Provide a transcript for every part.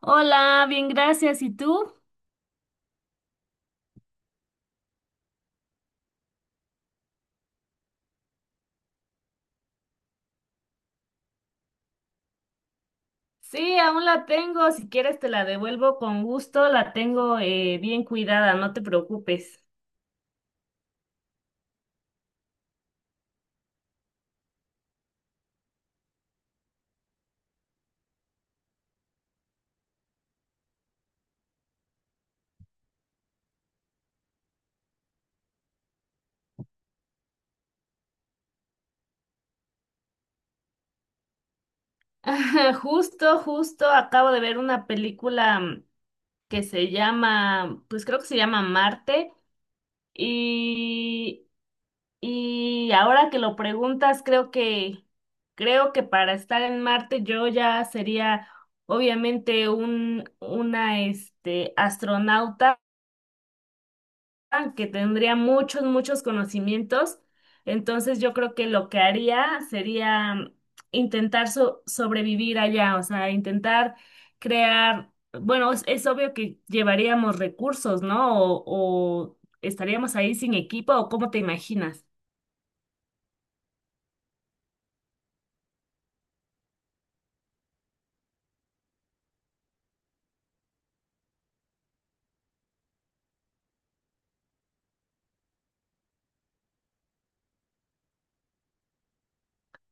Hola, bien, gracias. ¿Y tú? Sí, aún la tengo. Si quieres, te la devuelvo con gusto. La tengo bien cuidada, no te preocupes. Justo, justo, acabo de ver una película que se llama, pues creo que se llama Marte. Y, y ahora que lo preguntas, creo que para estar en Marte yo ya sería obviamente una, astronauta que tendría muchos, muchos conocimientos. Entonces yo creo que lo que haría sería intentar sobrevivir allá, o sea, intentar crear, bueno, es obvio que llevaríamos recursos, ¿no? O estaríamos ahí sin equipo, ¿o cómo te imaginas?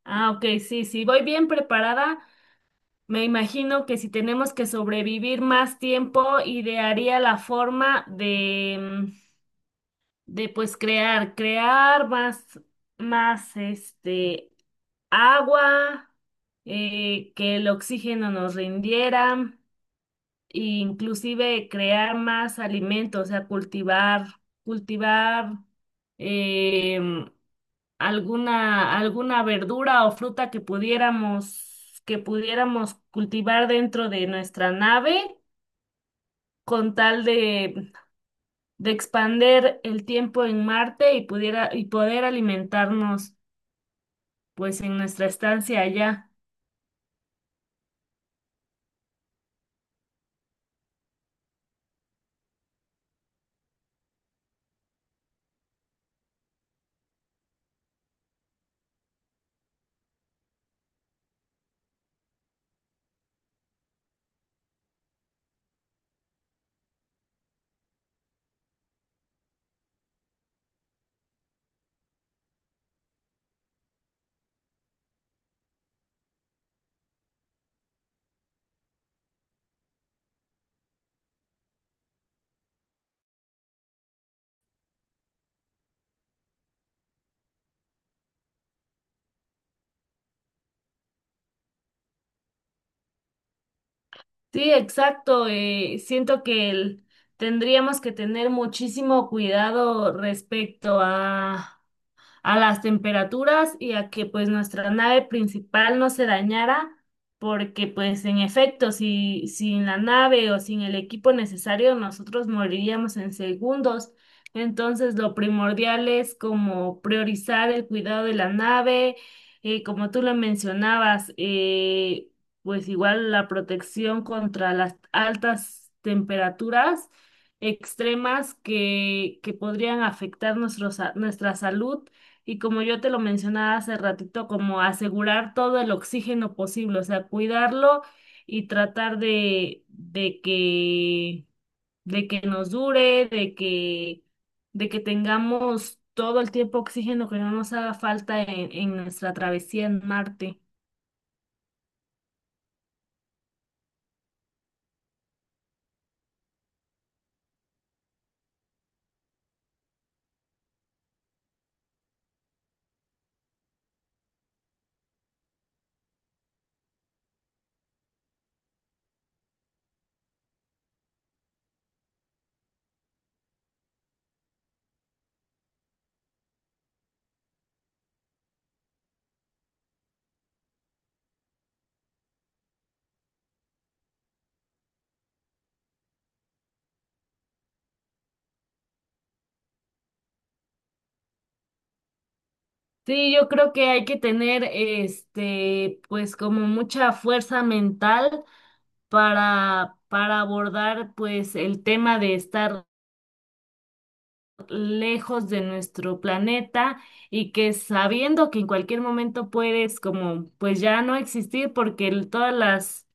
Ah, ok, sí, sí, voy bien preparada. Me imagino que si tenemos que sobrevivir más tiempo, idearía la forma de pues crear, crear más, más agua, que el oxígeno nos rindiera, e inclusive crear más alimentos, o sea, cultivar, cultivar em, alguna, alguna verdura o fruta que pudiéramos cultivar dentro de nuestra nave, con tal de expander el tiempo en Marte y pudiera y poder alimentarnos pues en nuestra estancia allá. Sí, exacto. Siento que tendríamos que tener muchísimo cuidado respecto a las temperaturas y a que pues nuestra nave principal no se dañara, porque pues en efecto, si sin la nave o sin el equipo necesario, nosotros moriríamos en segundos. Entonces, lo primordial es como priorizar el cuidado de la nave, como tú lo mencionabas, pues igual la protección contra las altas temperaturas extremas que podrían afectar nuestro nuestra salud y como yo te lo mencionaba hace ratito, como asegurar todo el oxígeno posible, o sea, cuidarlo y tratar de que nos dure, de que tengamos todo el tiempo oxígeno que no nos haga falta en nuestra travesía en Marte. Sí, yo creo que hay que tener, este, pues como mucha fuerza mental para abordar, pues, el tema de estar lejos de nuestro planeta y que sabiendo que en cualquier momento puedes como pues ya no existir porque todas las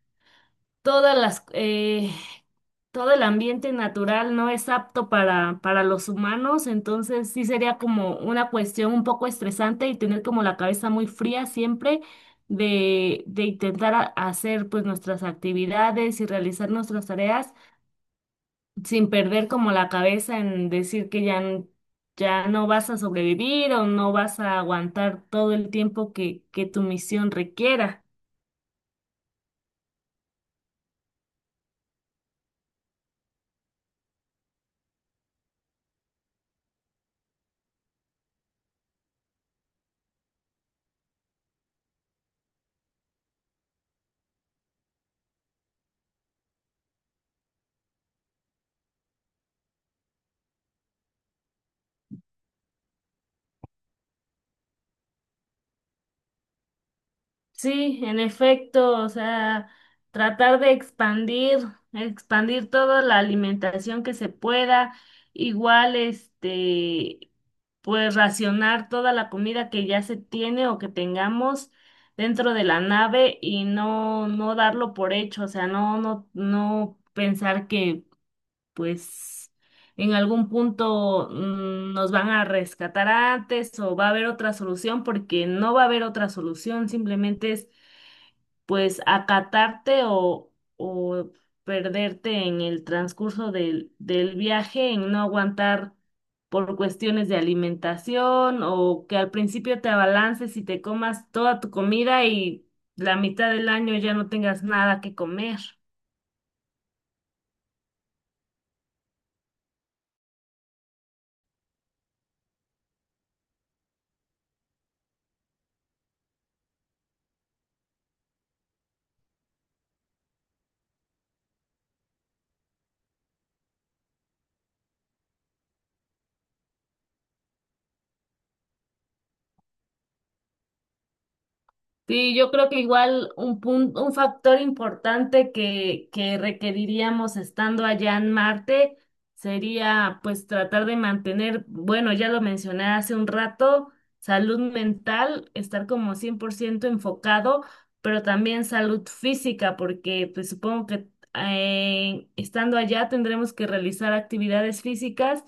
todas las todo el ambiente natural no es apto para los humanos, entonces sí sería como una cuestión un poco estresante y tener como la cabeza muy fría siempre. De intentar hacer pues nuestras actividades y realizar nuestras tareas sin perder como la cabeza en decir que ya, ya no vas a sobrevivir o no vas a aguantar todo el tiempo que tu misión requiera. Sí, en efecto, o sea, tratar de expandir, expandir toda la alimentación que se pueda, igual este, pues racionar toda la comida que ya se tiene o que tengamos dentro de la nave y no, no darlo por hecho, o sea, no, no, no pensar que pues en algún punto nos van a rescatar antes o va a haber otra solución, porque no va a haber otra solución, simplemente es pues acatarte o perderte en el transcurso del viaje, en no aguantar por cuestiones de alimentación o que al principio te abalances y te comas toda tu comida y la mitad del año ya no tengas nada que comer. Sí, yo creo que igual un punto, un factor importante que requeriríamos estando allá en Marte sería pues tratar de mantener, bueno, ya lo mencioné hace un rato, salud mental, estar como 100% enfocado, pero también salud física, porque pues supongo que estando allá tendremos que realizar actividades físicas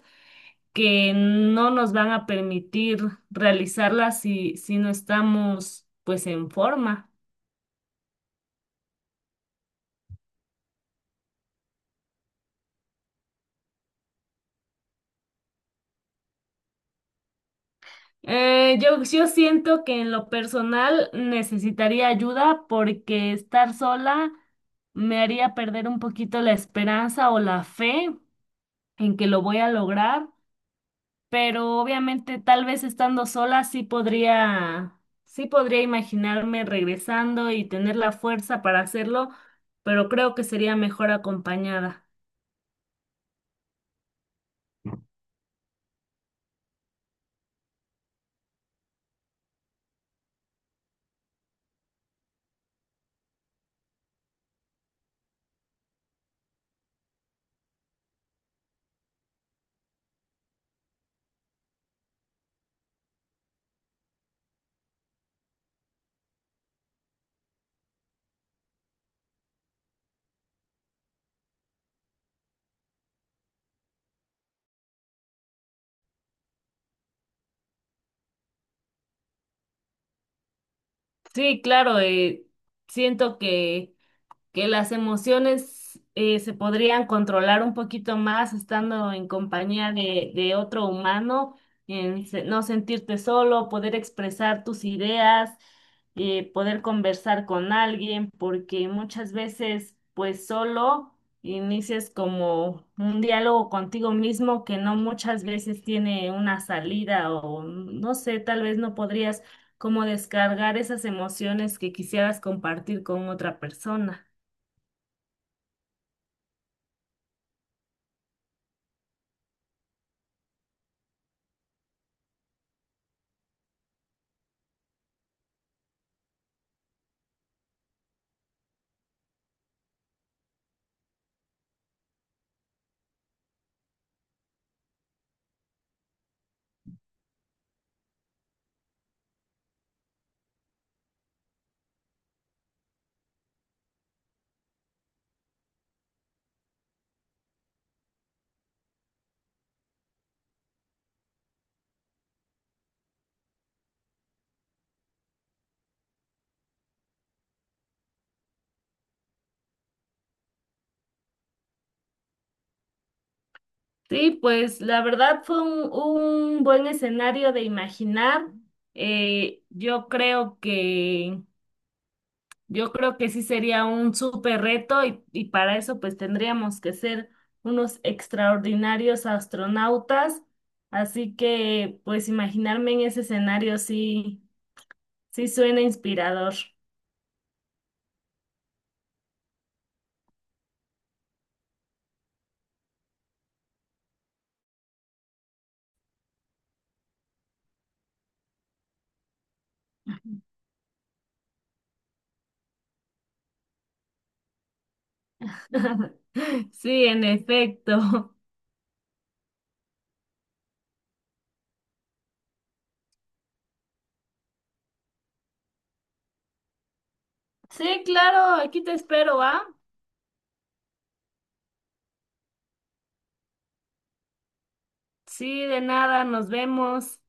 que no nos van a permitir realizarla si, si no estamos pues en forma. Yo siento que en lo personal necesitaría ayuda porque estar sola me haría perder un poquito la esperanza o la fe en que lo voy a lograr, pero obviamente tal vez estando sola sí podría imaginarme regresando y tener la fuerza para hacerlo, pero creo que sería mejor acompañada. Sí, claro, siento que las emociones se podrían controlar un poquito más estando en compañía de otro humano, en no sentirte solo, poder expresar tus ideas, poder conversar con alguien, porque muchas veces pues solo inicias como un diálogo contigo mismo que no muchas veces tiene una salida o no sé, tal vez no podrías como descargar esas emociones que quisieras compartir con otra persona. Sí, pues la verdad fue un buen escenario de imaginar. Eh, yo creo que, yo creo que sí sería un súper reto y para eso pues tendríamos que ser unos extraordinarios astronautas. Así que pues imaginarme en ese escenario sí, sí suena inspirador. Sí, en efecto. Sí, claro, aquí te espero, ¿ah? Sí, de nada, nos vemos.